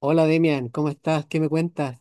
Hola Demian, ¿cómo estás? ¿Qué me cuentas?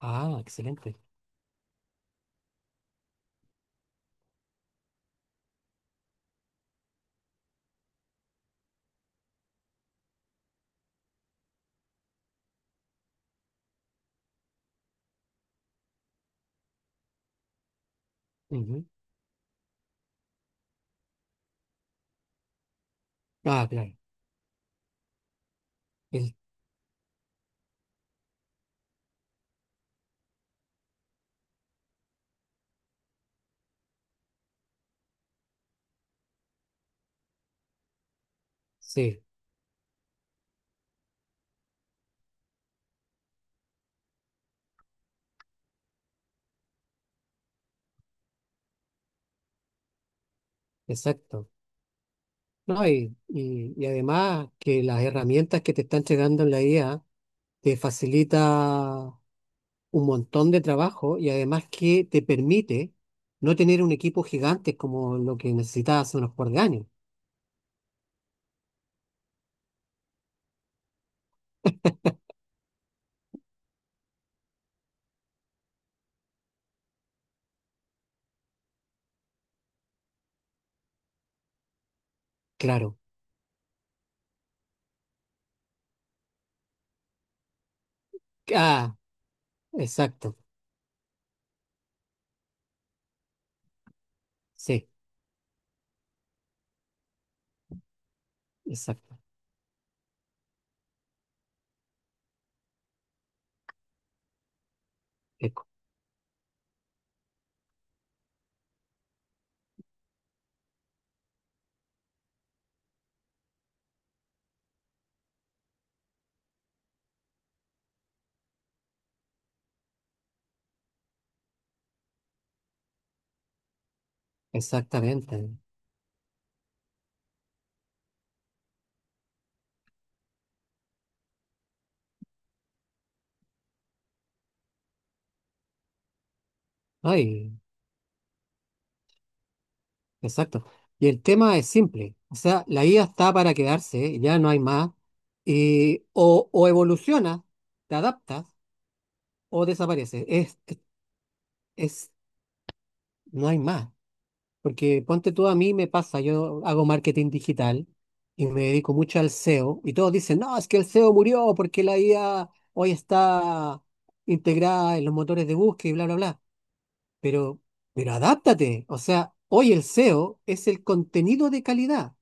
Ah, excelente. Ujú. Ah, claro. El- sí, exacto. No, y además que las herramientas que te están llegando en la IA te facilita un montón de trabajo y además que te permite no tener un equipo gigante como lo que necesitabas hace unos par de años. Claro. Ah, exacto. Sí, exacto. Eco- Exactamente. Ay. Exacto. Y el tema es simple. O sea, la IA está para quedarse, ya no hay más. Y o evoluciona, te adaptas o desaparece. Es, no hay más. Porque ponte tú, a mí me pasa, yo hago marketing digital y me dedico mucho al SEO y todos dicen, no, es que el SEO murió porque la IA hoy está integrada en los motores de búsqueda y bla, bla, bla. Pero, pero adáptate. O sea, hoy el SEO es el contenido de calidad.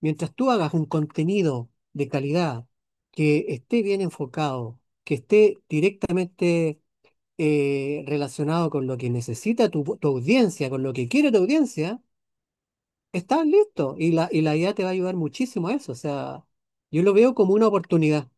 Mientras tú hagas un contenido de calidad que esté bien enfocado, que esté directamente relacionado con lo que necesita tu audiencia, con lo que quiere tu audiencia, estás listo. Y la IA te va a ayudar muchísimo a eso. O sea, yo lo veo como una oportunidad.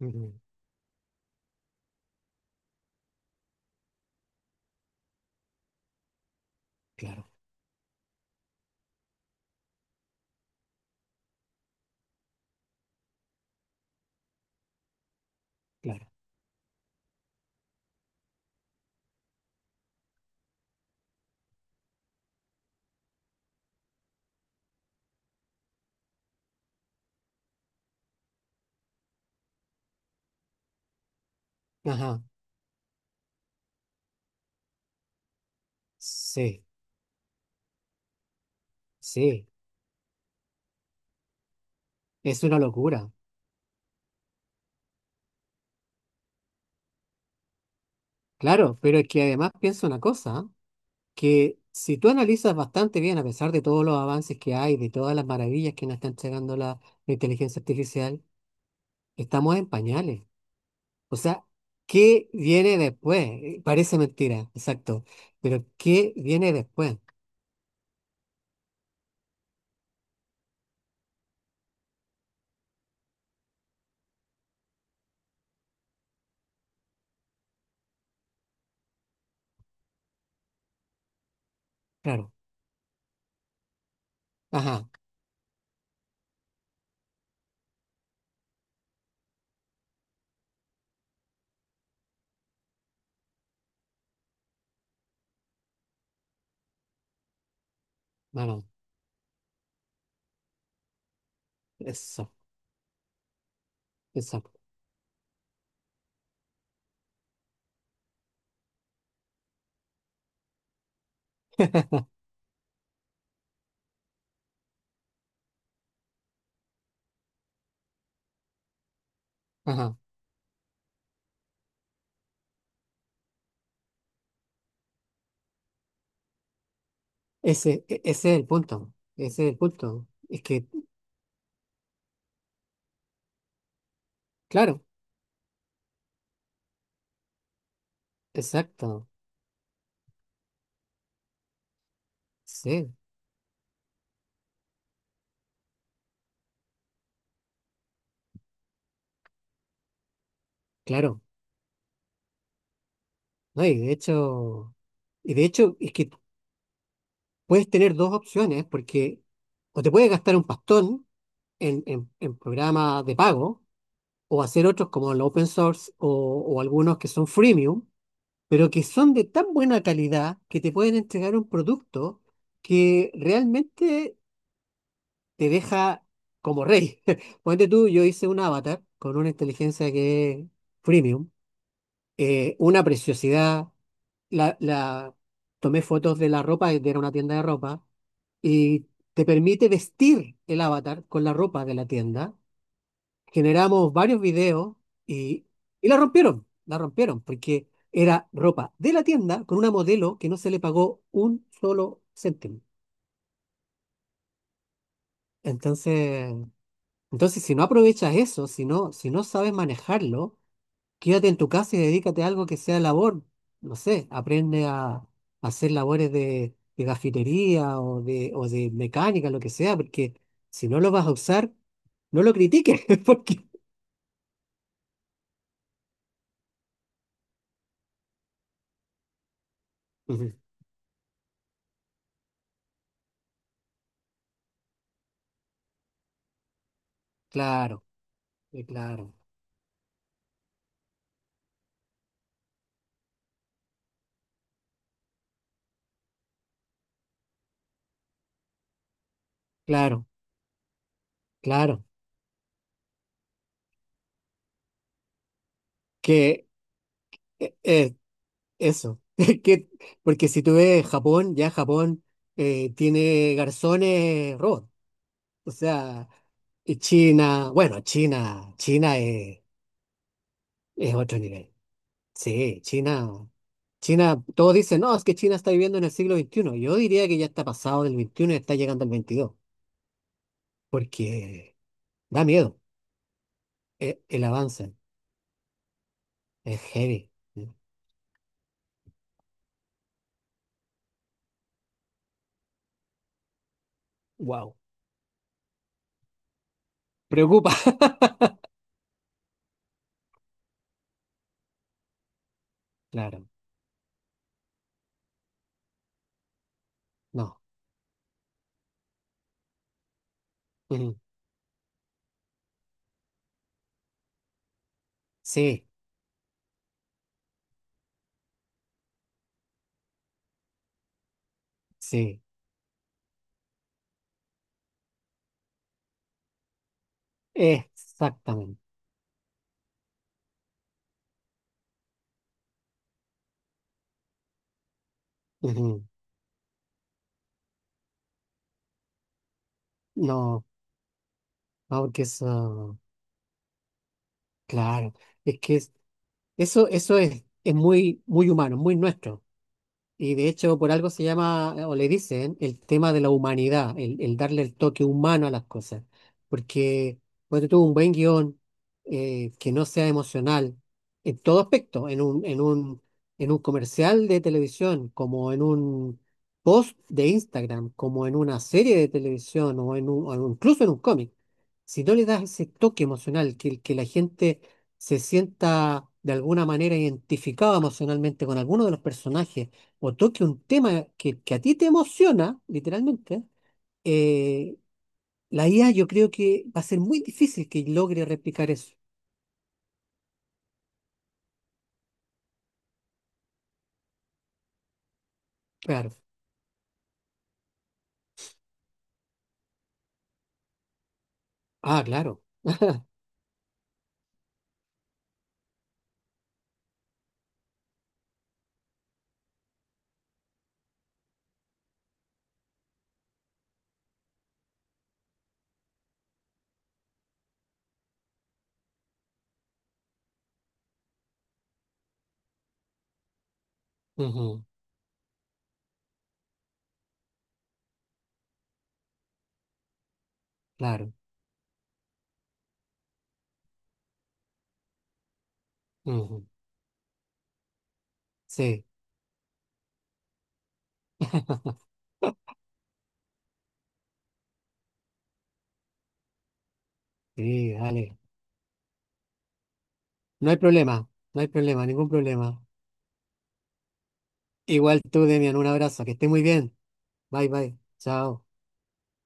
Ujú. Claro, claro. Ajá. Sí. Sí, es una locura. Claro, pero es que además pienso una cosa, que si tú analizas bastante bien, a pesar de todos los avances que hay, de todas las maravillas que nos está entregando la inteligencia artificial, estamos en pañales. O sea, ¿qué viene después? Parece mentira, exacto. Pero ¿qué viene después? Claro. Ajá, bueno, eso, exacto. Ajá. Ese es el punto. Ese es el punto. Claro, exacto. Sí, claro. No, y de hecho, es que puedes tener dos opciones, porque o te puedes gastar un pastón en programas de pago, o hacer otros como el open source o algunos que son freemium, pero que son de tan buena calidad que te pueden entregar un producto que realmente te deja como rey. Ponte tú, yo hice un avatar con una inteligencia que es freemium, una preciosidad la, la- tomé fotos de la ropa, era una tienda de ropa, y te permite vestir el avatar con la ropa de la tienda. Generamos varios videos y, la rompieron, porque era ropa de la tienda con una modelo que no se le pagó un solo céntimo. Entonces, entonces si no aprovechas eso, si no sabes manejarlo, quédate en tu casa y dedícate a algo que sea labor. No sé, aprende a hacer labores de gafitería o de mecánica, lo que sea, porque si no lo vas a usar, no lo critiques, porque... Ujú. Claro, claro, claro, claro. Que eh, eh, eso, que, porque si tú ves Japón, ya Japón tiene garzones robots. O sea, y China, bueno, China es otro nivel. Sí, China. China, todos dicen, no, es que China está viviendo en el siglo veintiuno. Yo diría que ya está pasado del veintiuno y está llegando al veintidós, porque da miedo. El avance es heavy. Wow. Preocupa. Claro, no. Ujú. Sí, sí, exactamente. Ujú. No, no, porque eso, claro, es que es- eso, eso es muy, muy humano, muy nuestro. Y de hecho, por algo se llama, o le dicen, el tema de la humanidad, el darle el toque humano a las cosas. Porque cuando tú un buen guión que no sea emocional en todo aspecto, en un comercial de televisión, como en un post de Instagram, como en una serie de televisión en un, incluso en un cómic, si no le das ese toque emocional, que la gente se sienta de alguna manera identificada emocionalmente con alguno de los personajes, o toque un tema que a ti te emociona, literalmente, eh, la IA yo creo que va a ser muy difícil que logre replicar eso. Claro. Ah, claro. Ujú, claro. Ujú. Sí, sí, dale. No hay problema, no hay problema, ningún problema. Igual tú, Demian, un abrazo, que estés muy bien. Bye, bye. Chao.